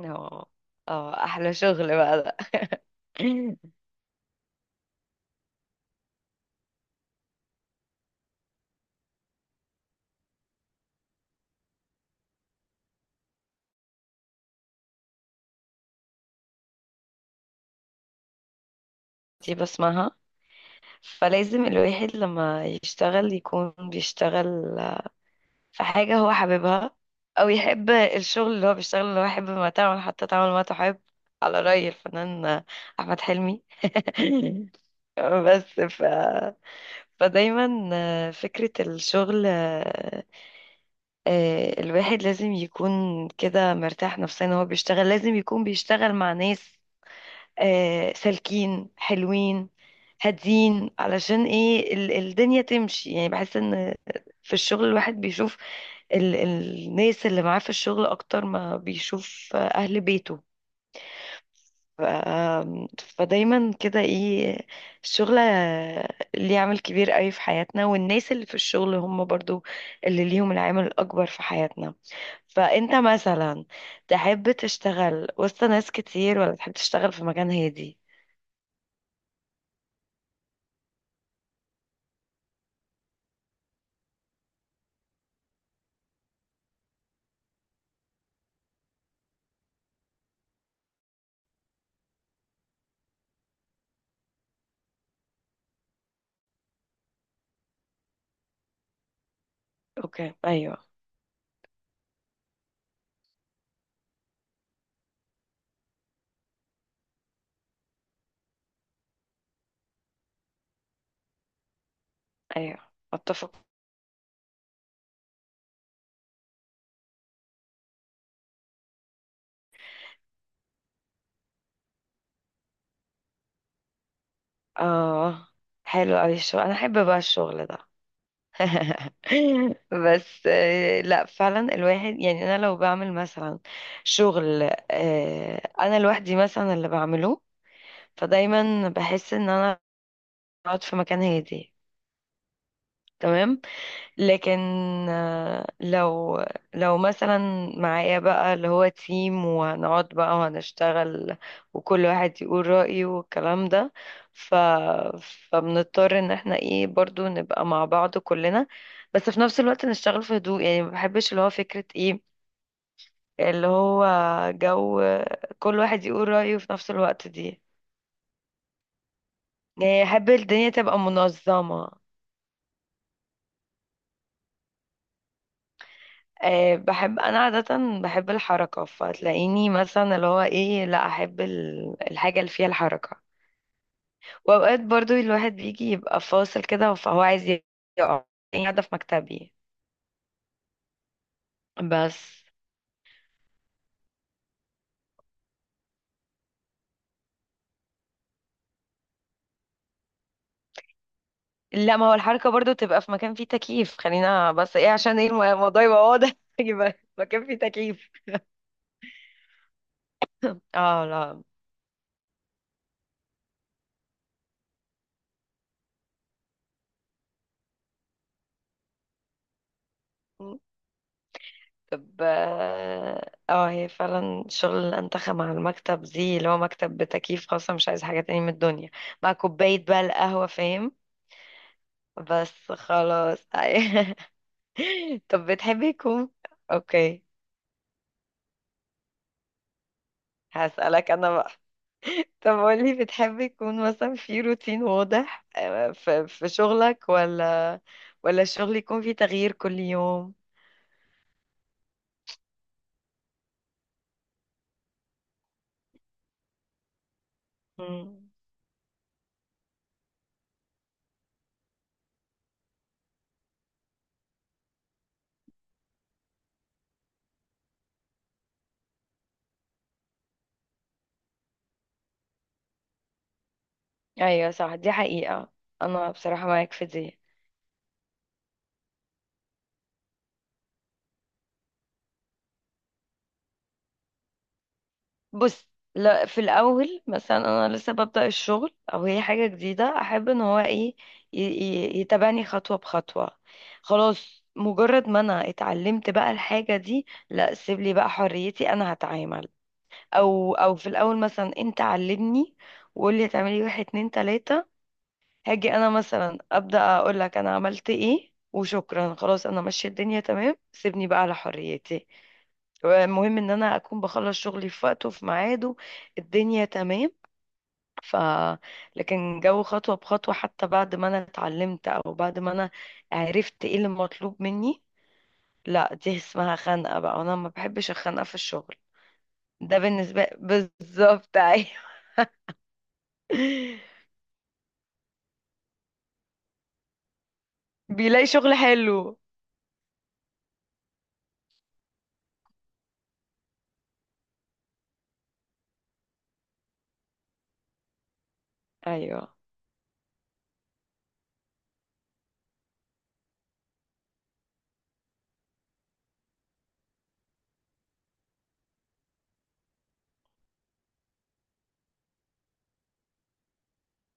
اه، اه، احلى شغل بقى ده. دي بسمعها، فلازم الواحد لما يشتغل يكون بيشتغل في حاجة هو حاببها، او يحب الشغل اللي هو بيشتغل، اللي هو يحب ما تعمل حتى تعمل ما تحب، على رأي الفنان احمد حلمي. بس ف... فدايما فكرة الشغل الواحد لازم يكون كده مرتاح نفسيا وهو بيشتغل، لازم يكون بيشتغل مع ناس سالكين حلوين هادين، علشان ايه الدنيا تمشي، يعني بحس ان في الشغل الواحد بيشوف الناس اللي معاه في الشغل اكتر ما بيشوف اهل بيته. ف فدايما كده ايه، الشغل ليه عامل كبير قوي في حياتنا، والناس اللي في الشغل هم برضو اللي ليهم العامل الاكبر في حياتنا. فانت مثلا تحب تشتغل وسط ناس كتير ولا تحب تشتغل في مكان هادي؟ اوكي، ايوه. ايوه، اتفق. اه، حلو اوي الشغل، انا احب بقى الشغل ده. بس لا فعلا الواحد يعني، انا لو بعمل مثلا شغل، انا لوحدي مثلا اللي بعمله، فدايما بحس ان انا بقعد في مكان هادي، تمام. لكن آه، لو لو مثلا معايا بقى اللي هو تيم وهنقعد بقى وهنشتغل وكل واحد يقول رأيه والكلام ده، ف فبنضطر ان احنا ايه برضو نبقى مع بعض كلنا، بس في نفس الوقت نشتغل في هدوء. يعني ما بحبش اللي هو فكرة ايه اللي هو جو كل واحد يقول رأيه في نفس الوقت دي، يعني احب الدنيا تبقى منظمة. أه، بحب انا عادة، بحب الحركة، فتلاقيني مثلا اللي هو ايه، لا احب الحاجة اللي فيها الحركة. واوقات برضو الواحد بيجي يبقى فاصل كده، فهو عايز يقع، يعني قاعدة في مكتبي بس. لا، ما هو الحركة برضو تبقى في مكان فيه تكييف، خلينا بس ايه عشان ايه الموضوع يبقى واضح، يبقى مكان فيه تكييف. اه، لا، ب... اه آه، هي فعلا شغل الأنتخة مع المكتب دي، اللي هو مكتب بتكييف خاصة، مش عايز حاجة تاني من الدنيا، مع كوباية بقى القهوة، فاهم. بس خلاص. طب بتحبي يكون اوكي، هسألك انا بقى. طب قولي، بتحبي يكون مثلا في روتين واضح في شغلك، ولا الشغل يكون فيه تغيير كل يوم؟ مم. ايوه صح، دي حقيقة. انا بصراحة معاك في دي. بص، لا في الاول مثلا انا لسه ببدأ الشغل او هي حاجة جديدة، احب ان هو ايه يتبعني خطوة بخطوة. خلاص، مجرد ما انا اتعلمت بقى الحاجة دي، لا سيب لي بقى حريتي، انا هتعامل. او في الاول مثلا انت علمني وقول لي هتعملي واحد اتنين تلاتة، هاجي انا مثلا ابدأ اقول لك انا عملت ايه وشكرا، خلاص انا ماشية، الدنيا تمام، سيبني بقى على حريتي. المهم ان انا اكون بخلص شغلي في وقته في ميعاده، الدنيا تمام. ف لكن جو خطوة بخطوة حتى بعد ما انا اتعلمت او بعد ما انا عرفت ايه اللي مطلوب مني، لا دي اسمها خنقة بقى، وانا ما بحبش الخنقة في الشغل. ده بالنسبة بالظبط، ايوه. بيلاقي شغل حلو، ايوه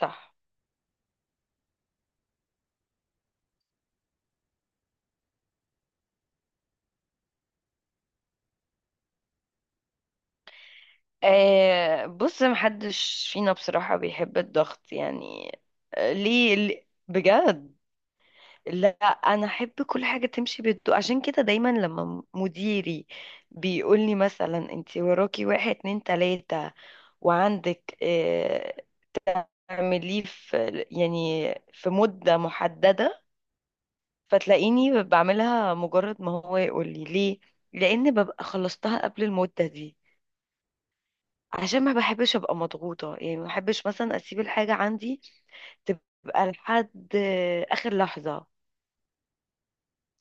صح. آه بص، محدش فينا بصراحة بيحب الضغط يعني. ليه بجد؟ لا، انا احب كل حاجه تمشي بهدوء، عشان كده دايما لما مديري بيقول لي مثلا انت وراكي واحد اتنين تلاته وعندك اعمليه في، يعني في مده محدده، فتلاقيني بعملها مجرد ما هو يقول لي ليه، لان ببقى خلصتها قبل المده دي، عشان ما بحبش ابقى مضغوطه. يعني ما بحبش مثلا اسيب الحاجه عندي تبقى لحد اخر لحظه،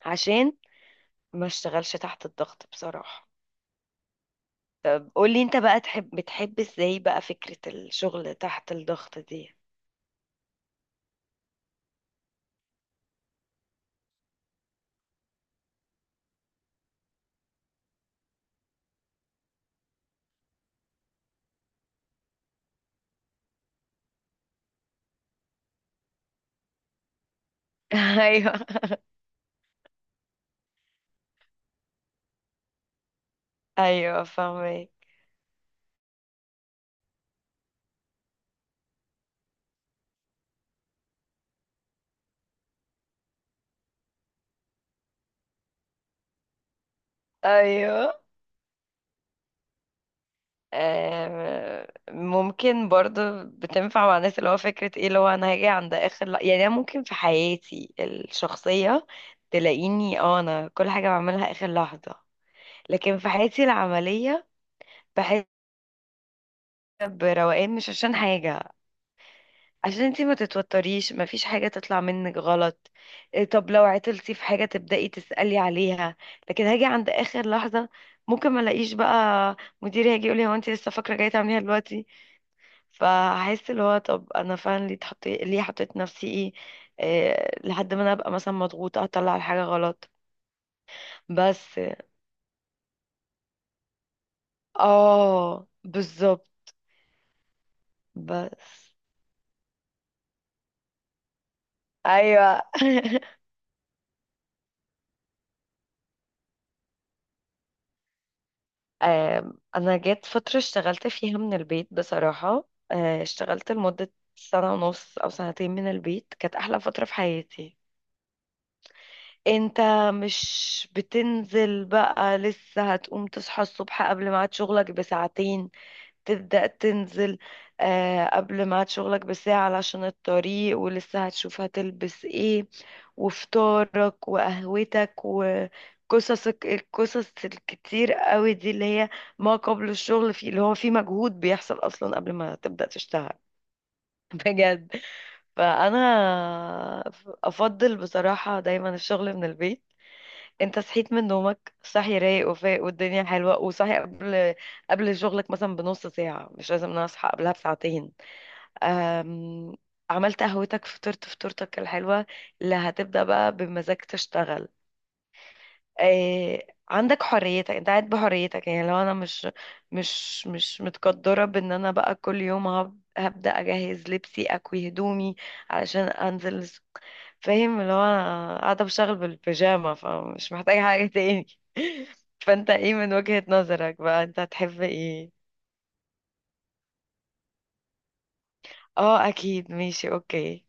عشان ما اشتغلش تحت الضغط بصراحه. قولي انت بقى، تحب بتحب ازاي بقى فكرة الشغل تحت الضغط دي؟ ايوه، ايوه فاهمك. ايوه ممكن برضو بتنفع مع الناس، اللي هو فكرة ايه اللي هو انا هاجي عند اخر يعني انا ممكن في حياتي الشخصية تلاقيني اه انا كل حاجة بعملها اخر لحظة، لكن في حياتي العملية بحس بروقان، مش عشان حاجة، عشان انتي ما تتوتريش، مفيش حاجة تطلع منك غلط. إيه، طب لو عطلتي في حاجة تبدأي تسألي عليها، لكن هاجي عند آخر لحظة ممكن ما الاقيش بقى، مديري هيجي يقولي هو انتي لسه فاكرة جاية تعمليها دلوقتي، فهحس اللي هو طب انا فعلا ليه اتحط، ليه حطيت نفسي ايه، إيه لحد ما انا ابقى مثلا مضغوطة اطلع الحاجة غلط. بس اه، بالظبط، بس ايوه. انا جت فترة اشتغلت فيها من البيت بصراحة، اشتغلت لمدة سنة ونص او سنتين من البيت، كانت احلى فترة في حياتي. انت مش بتنزل بقى، لسه هتقوم تصحى الصبح قبل ميعاد شغلك بساعتين تبدأ تنزل، قبل ميعاد شغلك بساعة علشان الطريق، ولسه هتشوف هتلبس ايه وفطارك وقهوتك وقصصك، القصص الكتير قوي دي اللي هي ما قبل الشغل، في اللي هو في مجهود بيحصل اصلا قبل ما تبدأ تشتغل. بجد. فانا افضل بصراحة دايما الشغل من البيت. انت صحيت من نومك صاحي رايق وفايق والدنيا حلوة، وصاحي قبل شغلك مثلا بنص ساعة، مش لازم انا اصحى قبلها بساعتين. أم... عملت قهوتك، فطرت فطورتك الحلوة اللي هتبدأ بقى بمزاج تشتغل. عندك حريتك، انت قاعد بحريتك. يعني لو انا مش متقدره بان انا بقى كل يوم هبدا اجهز لبسي اكوي هدومي علشان انزل فاهم، اللي هو انا قاعده بشتغل بالبيجامه، فمش محتاجه حاجه تاني. فانت ايه من وجهة نظرك بقى، انت هتحب ايه؟ اه اكيد، ماشي، اوكي.